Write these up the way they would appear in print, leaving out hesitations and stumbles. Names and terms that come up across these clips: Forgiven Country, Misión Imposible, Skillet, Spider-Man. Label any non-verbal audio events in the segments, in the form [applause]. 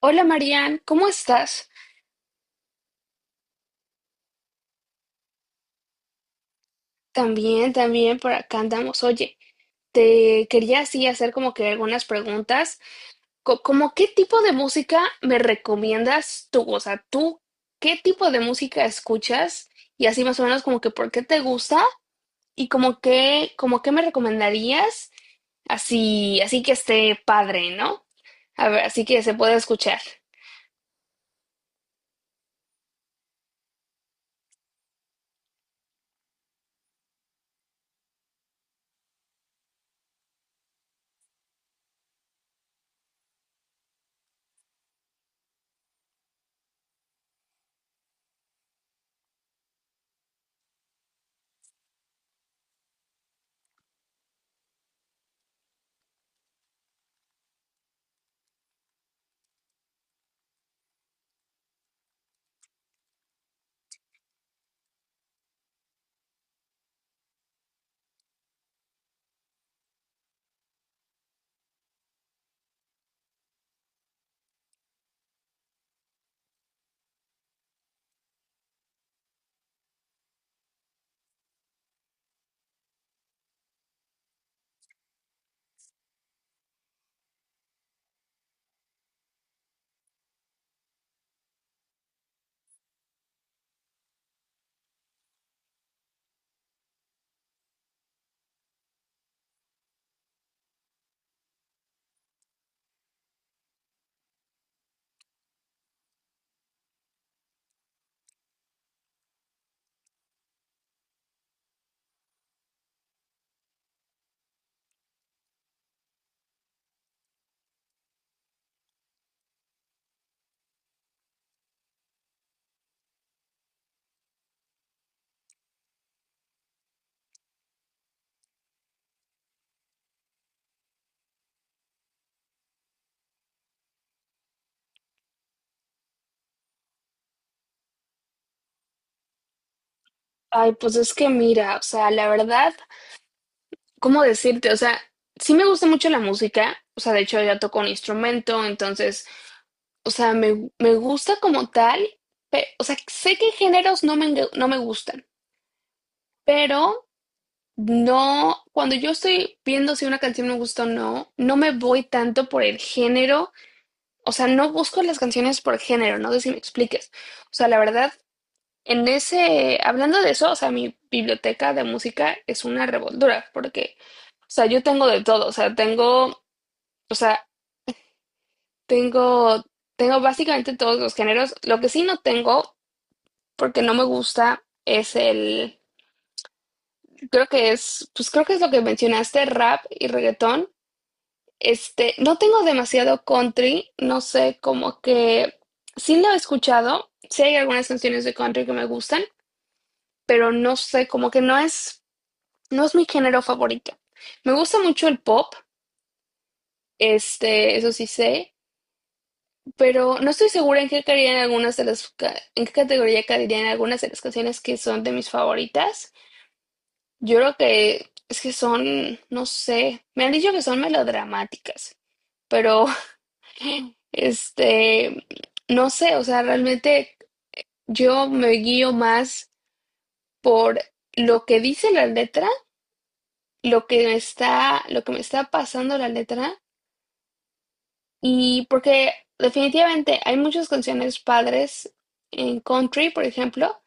Hola Marian, ¿cómo estás? También, también por acá andamos. Oye, te quería así hacer como que algunas preguntas. ¿Como qué tipo de música me recomiendas tú? O sea, tú, ¿qué tipo de música escuchas? Y así más o menos como que por qué te gusta y como que, como qué me recomendarías así, así que esté padre, ¿no? A ver, así que se pueda escuchar. Ay, pues es que mira, o sea, la verdad, ¿cómo decirte? O sea, sí me gusta mucho la música. O sea, de hecho ya toco un instrumento, entonces, o sea, me gusta como tal. O sea, sé que géneros no me, no me gustan, pero no, cuando yo estoy viendo si una canción me gusta o no, no me voy tanto por el género. O sea, no busco las canciones por género, no sé si me expliques. O sea, la verdad, en ese, hablando de eso, o sea, mi biblioteca de música es una revoltura, porque... O sea, yo tengo de todo. O sea, tengo. O sea, tengo, tengo básicamente todos los géneros. Lo que sí no tengo, porque no me gusta, es el, creo que es, pues creo que es lo que mencionaste, rap y reggaetón. Este, no tengo demasiado country, no sé, como que sí lo he escuchado, sí hay algunas canciones de country que me gustan, pero no sé, como que no es, no es mi género favorito. Me gusta mucho el pop, este, eso sí sé, pero no estoy segura en qué caerían algunas de las, en qué categoría caerían algunas de las canciones que son de mis favoritas. Yo creo que es que son, no sé, me han dicho que son melodramáticas, pero [laughs] este, no sé, o sea, realmente yo me guío más por lo que dice la letra, lo que me está, lo que me está pasando la letra, y porque definitivamente hay muchas canciones padres en country, por ejemplo.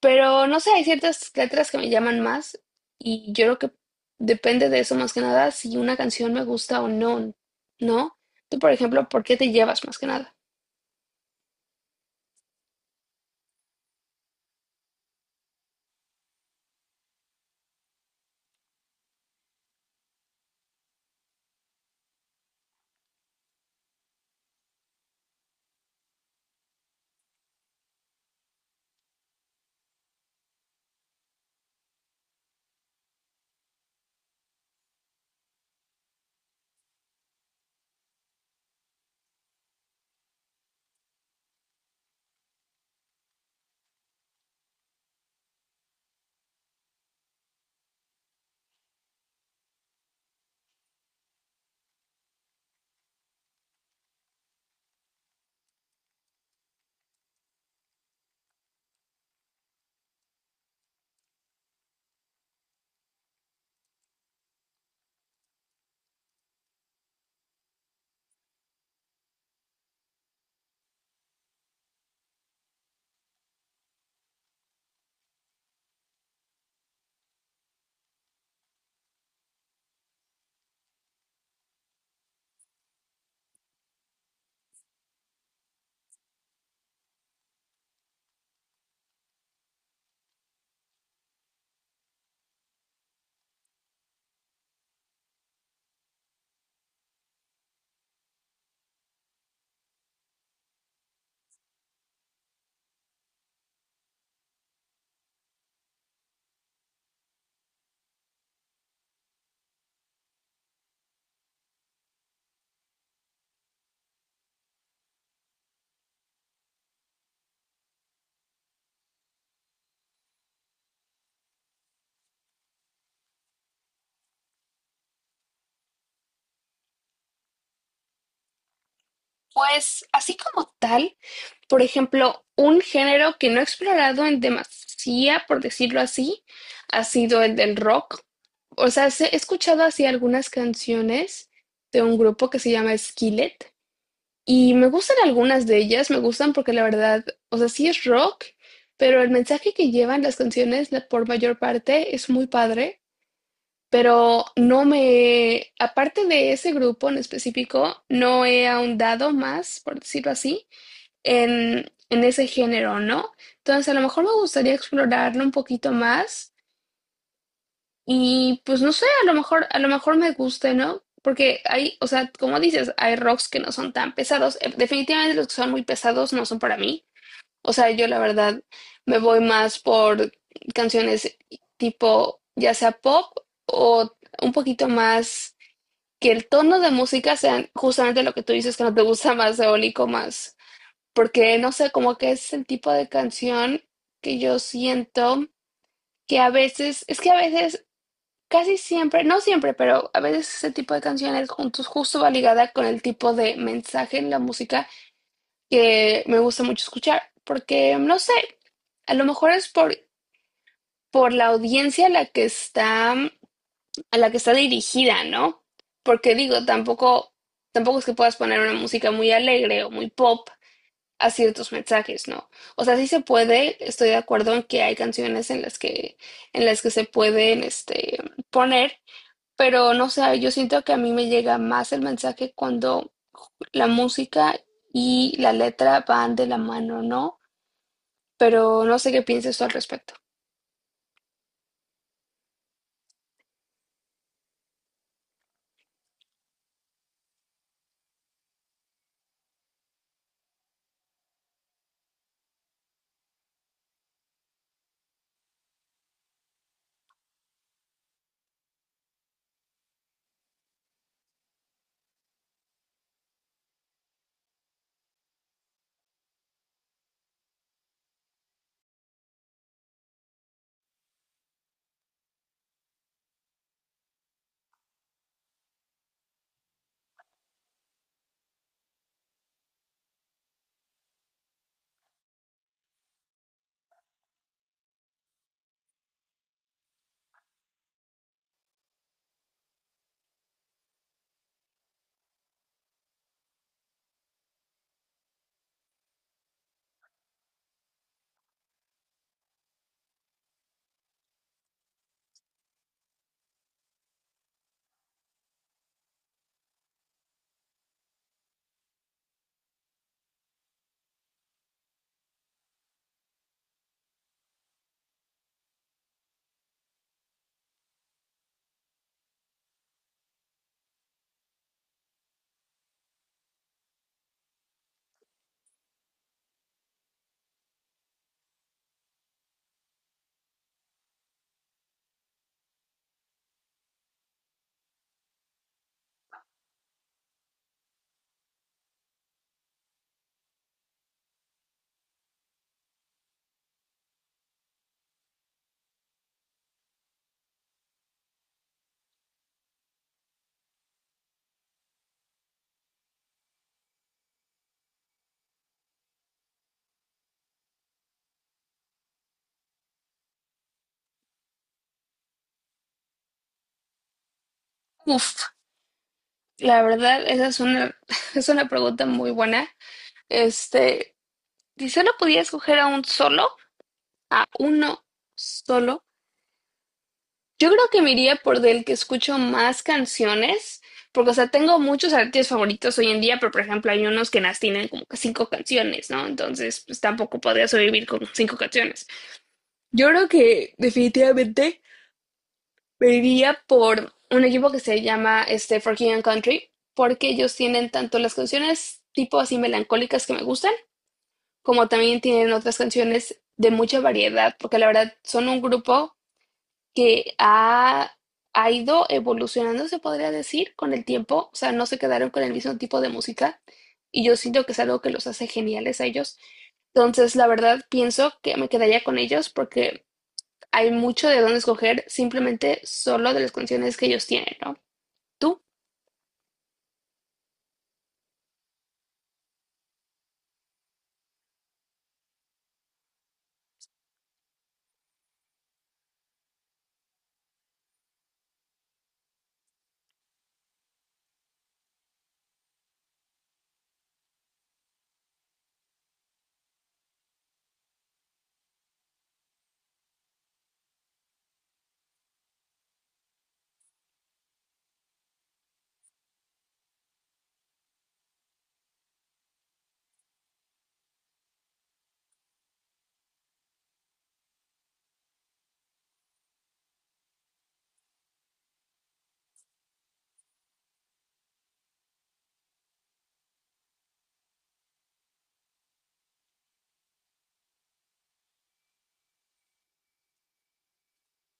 Pero no sé, hay ciertas letras que me llaman más y yo creo que depende de eso más que nada si una canción me gusta o no, ¿no? Tú, por ejemplo, ¿por qué te llevas más que nada? Pues así como tal, por ejemplo, un género que no he explorado en demasía, por decirlo así, ha sido el del rock. O sea, sí he escuchado así algunas canciones de un grupo que se llama Skillet. Y me gustan algunas de ellas, me gustan porque la verdad, o sea, sí es rock, pero el mensaje que llevan las canciones, la, por mayor parte, es muy padre, pero no me, aparte de ese grupo en específico, no he ahondado más, por decirlo así, en ese género, ¿no? Entonces, a lo mejor me gustaría explorarlo un poquito más. Y pues no sé, a lo mejor me guste, ¿no? Porque hay, o sea, como dices, hay rocks que no son tan pesados. Definitivamente los que son muy pesados no son para mí. O sea, yo la verdad me voy más por canciones tipo, ya sea pop o un poquito más, que el tono de música sea justamente lo que tú dices que no te gusta, más eólico más. Porque no sé, como que es el tipo de canción que yo siento que a veces, es que a veces, casi siempre, no siempre, pero a veces ese tipo de canciones juntos justo va ligada con el tipo de mensaje en la música que me gusta mucho escuchar, porque no sé, a lo mejor es por la audiencia a la que está, a la que está dirigida, ¿no? Porque digo, tampoco, tampoco es que puedas poner una música muy alegre o muy pop a ciertos mensajes, ¿no? O sea, sí se puede, estoy de acuerdo en que hay canciones en las que se pueden, este, poner, pero no sé, yo siento que a mí me llega más el mensaje cuando la música y la letra van de la mano, ¿no? Pero no sé qué piensas tú al respecto. Uf, la verdad, esa es una, [laughs] es una pregunta muy buena. Este, si solo pudiera escoger a un solo, a uno solo, yo creo que me iría por del que escucho más canciones, porque, o sea, tengo muchos artistas favoritos hoy en día, pero, por ejemplo, hay unos que nas tienen como que 5 canciones, ¿no? Entonces, pues tampoco podría sobrevivir con 5 canciones. Yo creo que definitivamente me iría por un equipo que se llama este Forgiven Country, porque ellos tienen tanto las canciones tipo así melancólicas que me gustan, como también tienen otras canciones de mucha variedad, porque la verdad son un grupo que ha, ha ido evolucionando, se podría decir, con el tiempo. O sea, no se quedaron con el mismo tipo de música. Y yo siento que es algo que los hace geniales a ellos. Entonces, la verdad, pienso que me quedaría con ellos porque hay mucho de dónde escoger simplemente solo de las canciones que ellos tienen, ¿no? ¿Tú?